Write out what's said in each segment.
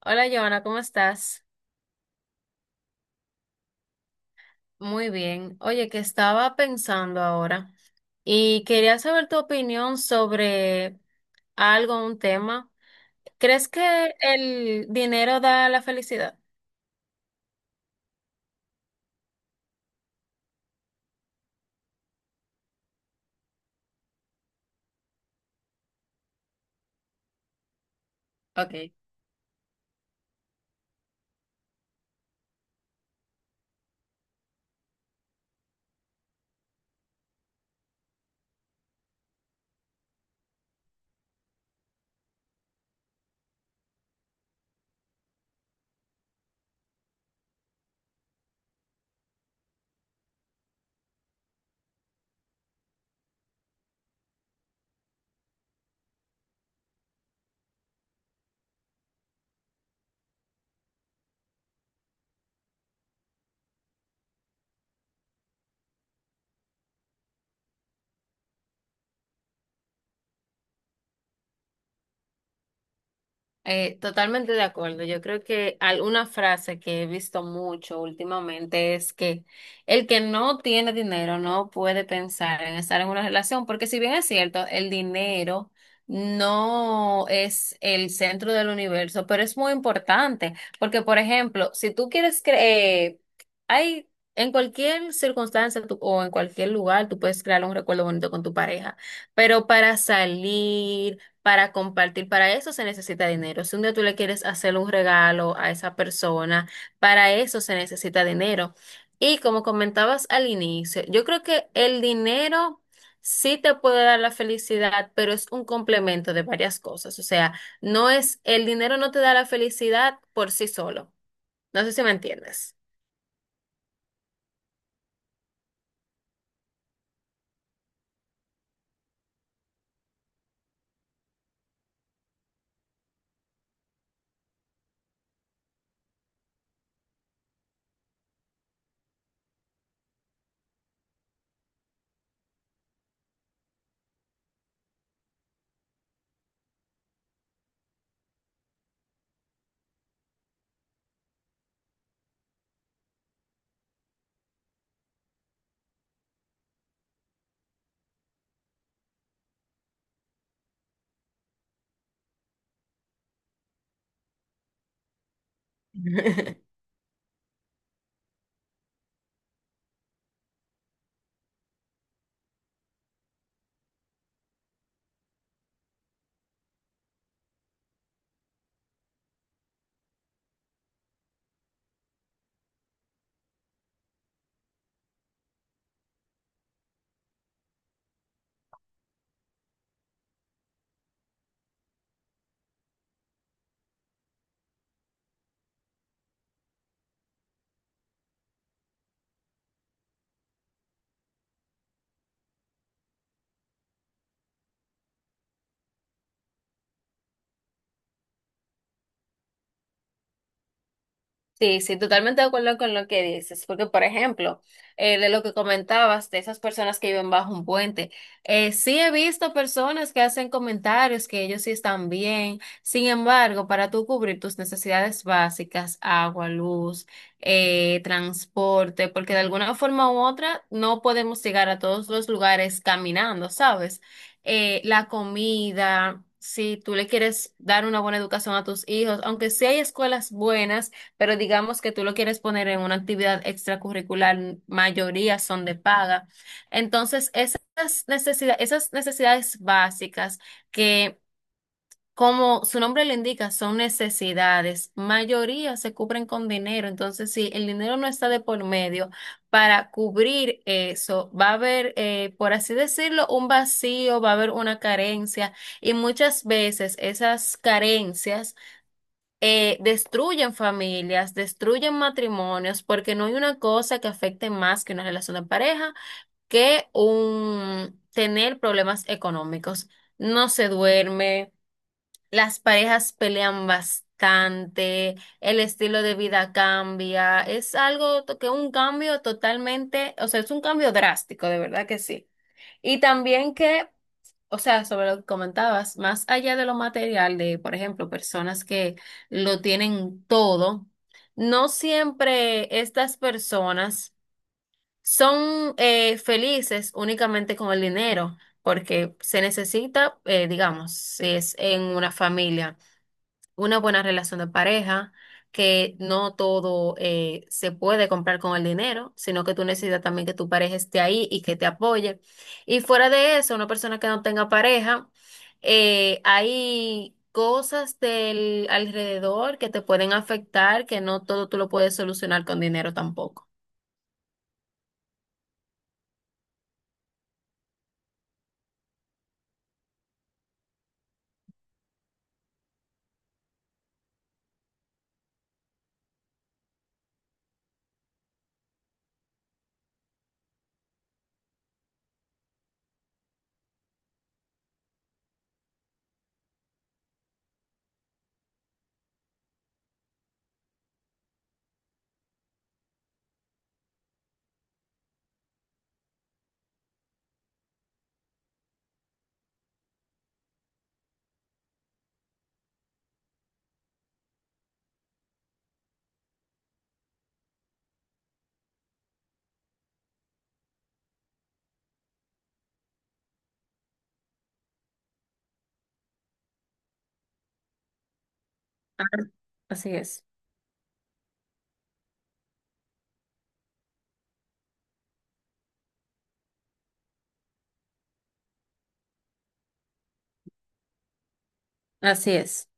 Hola, Joana, ¿cómo estás? Muy bien. Oye, que estaba pensando ahora y quería saber tu opinión sobre algo, un tema. ¿Crees que el dinero da la felicidad? Ok. Totalmente de acuerdo. Yo creo que alguna frase que he visto mucho últimamente es que el que no tiene dinero no puede pensar en estar en una relación, porque si bien es cierto, el dinero no es el centro del universo, pero es muy importante, porque por ejemplo, si tú quieres creer, hay en cualquier circunstancia o en cualquier lugar, tú puedes crear un recuerdo bonito con tu pareja, pero para salir para compartir. Para eso se necesita dinero. Si un día tú le quieres hacer un regalo a esa persona, para eso se necesita dinero. Y como comentabas al inicio, yo creo que el dinero sí te puede dar la felicidad, pero es un complemento de varias cosas. O sea, el dinero no te da la felicidad por sí solo. No sé si me entiendes. Sí, totalmente de acuerdo con lo que dices, porque por ejemplo, de lo que comentabas, de esas personas que viven bajo un puente, sí he visto personas que hacen comentarios que ellos sí están bien, sin embargo, para tú cubrir tus necesidades básicas, agua, luz, transporte, porque de alguna forma u otra no podemos llegar a todos los lugares caminando, ¿sabes? La comida. Si tú le quieres dar una buena educación a tus hijos, aunque sí hay escuelas buenas, pero digamos que tú lo quieres poner en una actividad extracurricular, mayoría son de paga. Entonces, esas necesidades básicas que, como su nombre lo indica, son necesidades, mayoría se cubren con dinero. Entonces, si el dinero no está de por medio para cubrir eso, va a haber, por así decirlo, un vacío, va a haber una carencia y muchas veces esas carencias destruyen familias, destruyen matrimonios, porque no hay una cosa que afecte más que una relación de pareja que un tener problemas económicos. No se duerme, las parejas pelean bastante, el estilo de vida cambia, es algo que un cambio totalmente, o sea, es un cambio drástico, de verdad que sí. Y también que o sea, sobre lo que comentabas, más allá de lo material, de, por ejemplo, personas que lo tienen todo, no siempre estas personas son felices únicamente con el dinero, porque se necesita, digamos, si es en una familia una buena relación de pareja, que no todo se puede comprar con el dinero, sino que tú necesitas también que tu pareja esté ahí y que te apoye. Y fuera de eso, una persona que no tenga pareja, hay cosas del alrededor que te pueden afectar, que no todo tú lo puedes solucionar con dinero tampoco. Ah, así es, así es.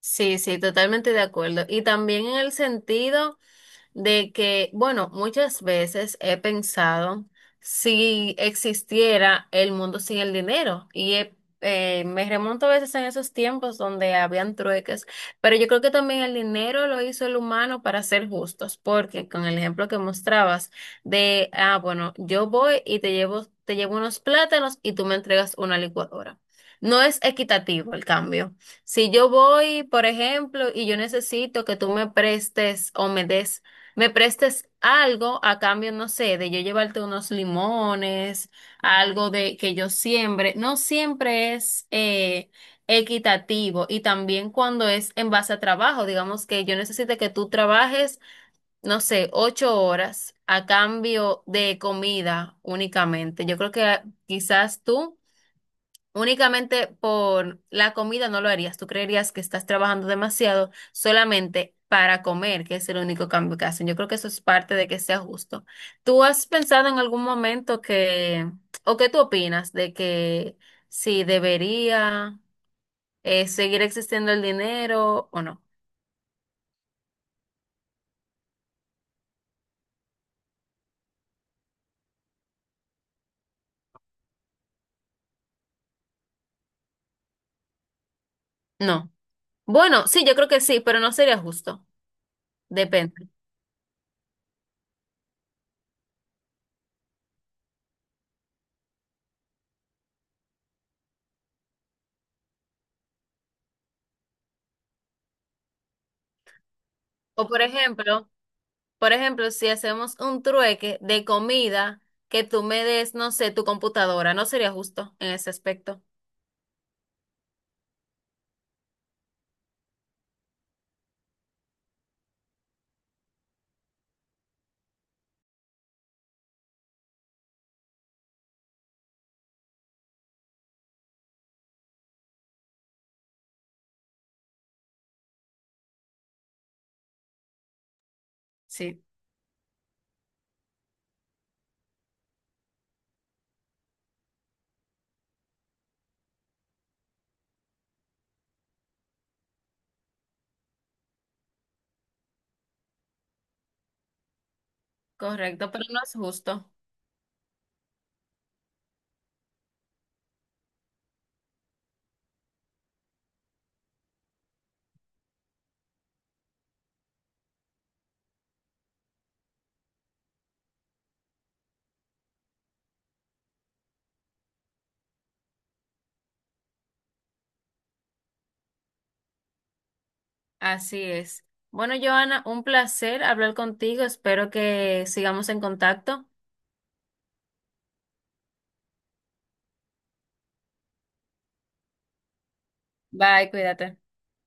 Sí, sí, totalmente de acuerdo. Y también en el sentido de que, bueno, muchas veces he pensado si existiera el mundo sin el dinero y me remonto a veces en esos tiempos donde habían trueques, pero yo creo que también el dinero lo hizo el humano para ser justos, porque con el ejemplo que mostrabas de, ah, bueno, yo voy y te llevo unos plátanos y tú me entregas una licuadora. No es equitativo el cambio. Si yo voy, por ejemplo, y yo necesito que tú me prestes o me prestes algo a cambio, no sé, de yo llevarte unos limones, algo de que yo siembre. No siempre es equitativo y también cuando es en base a trabajo, digamos que yo necesite que tú trabajes, no sé, 8 horas a cambio de comida únicamente. Yo creo que ah, quizás tú únicamente por la comida no lo harías. Tú creerías que estás trabajando demasiado solamente para comer, que es el único cambio que hacen. Yo creo que eso es parte de que sea justo. ¿Tú has pensado en algún momento que, o qué tú opinas de que si debería seguir existiendo el dinero o no? No. Bueno, sí, yo creo que sí, pero no sería justo. Depende. O por ejemplo, Por ejemplo, si hacemos un trueque de comida que tú me des, no sé, tu computadora, no sería justo en ese aspecto. Sí. Correcto, pero no es justo. Así es. Bueno, Joana, un placer hablar contigo. Espero que sigamos en contacto. Bye, cuídate.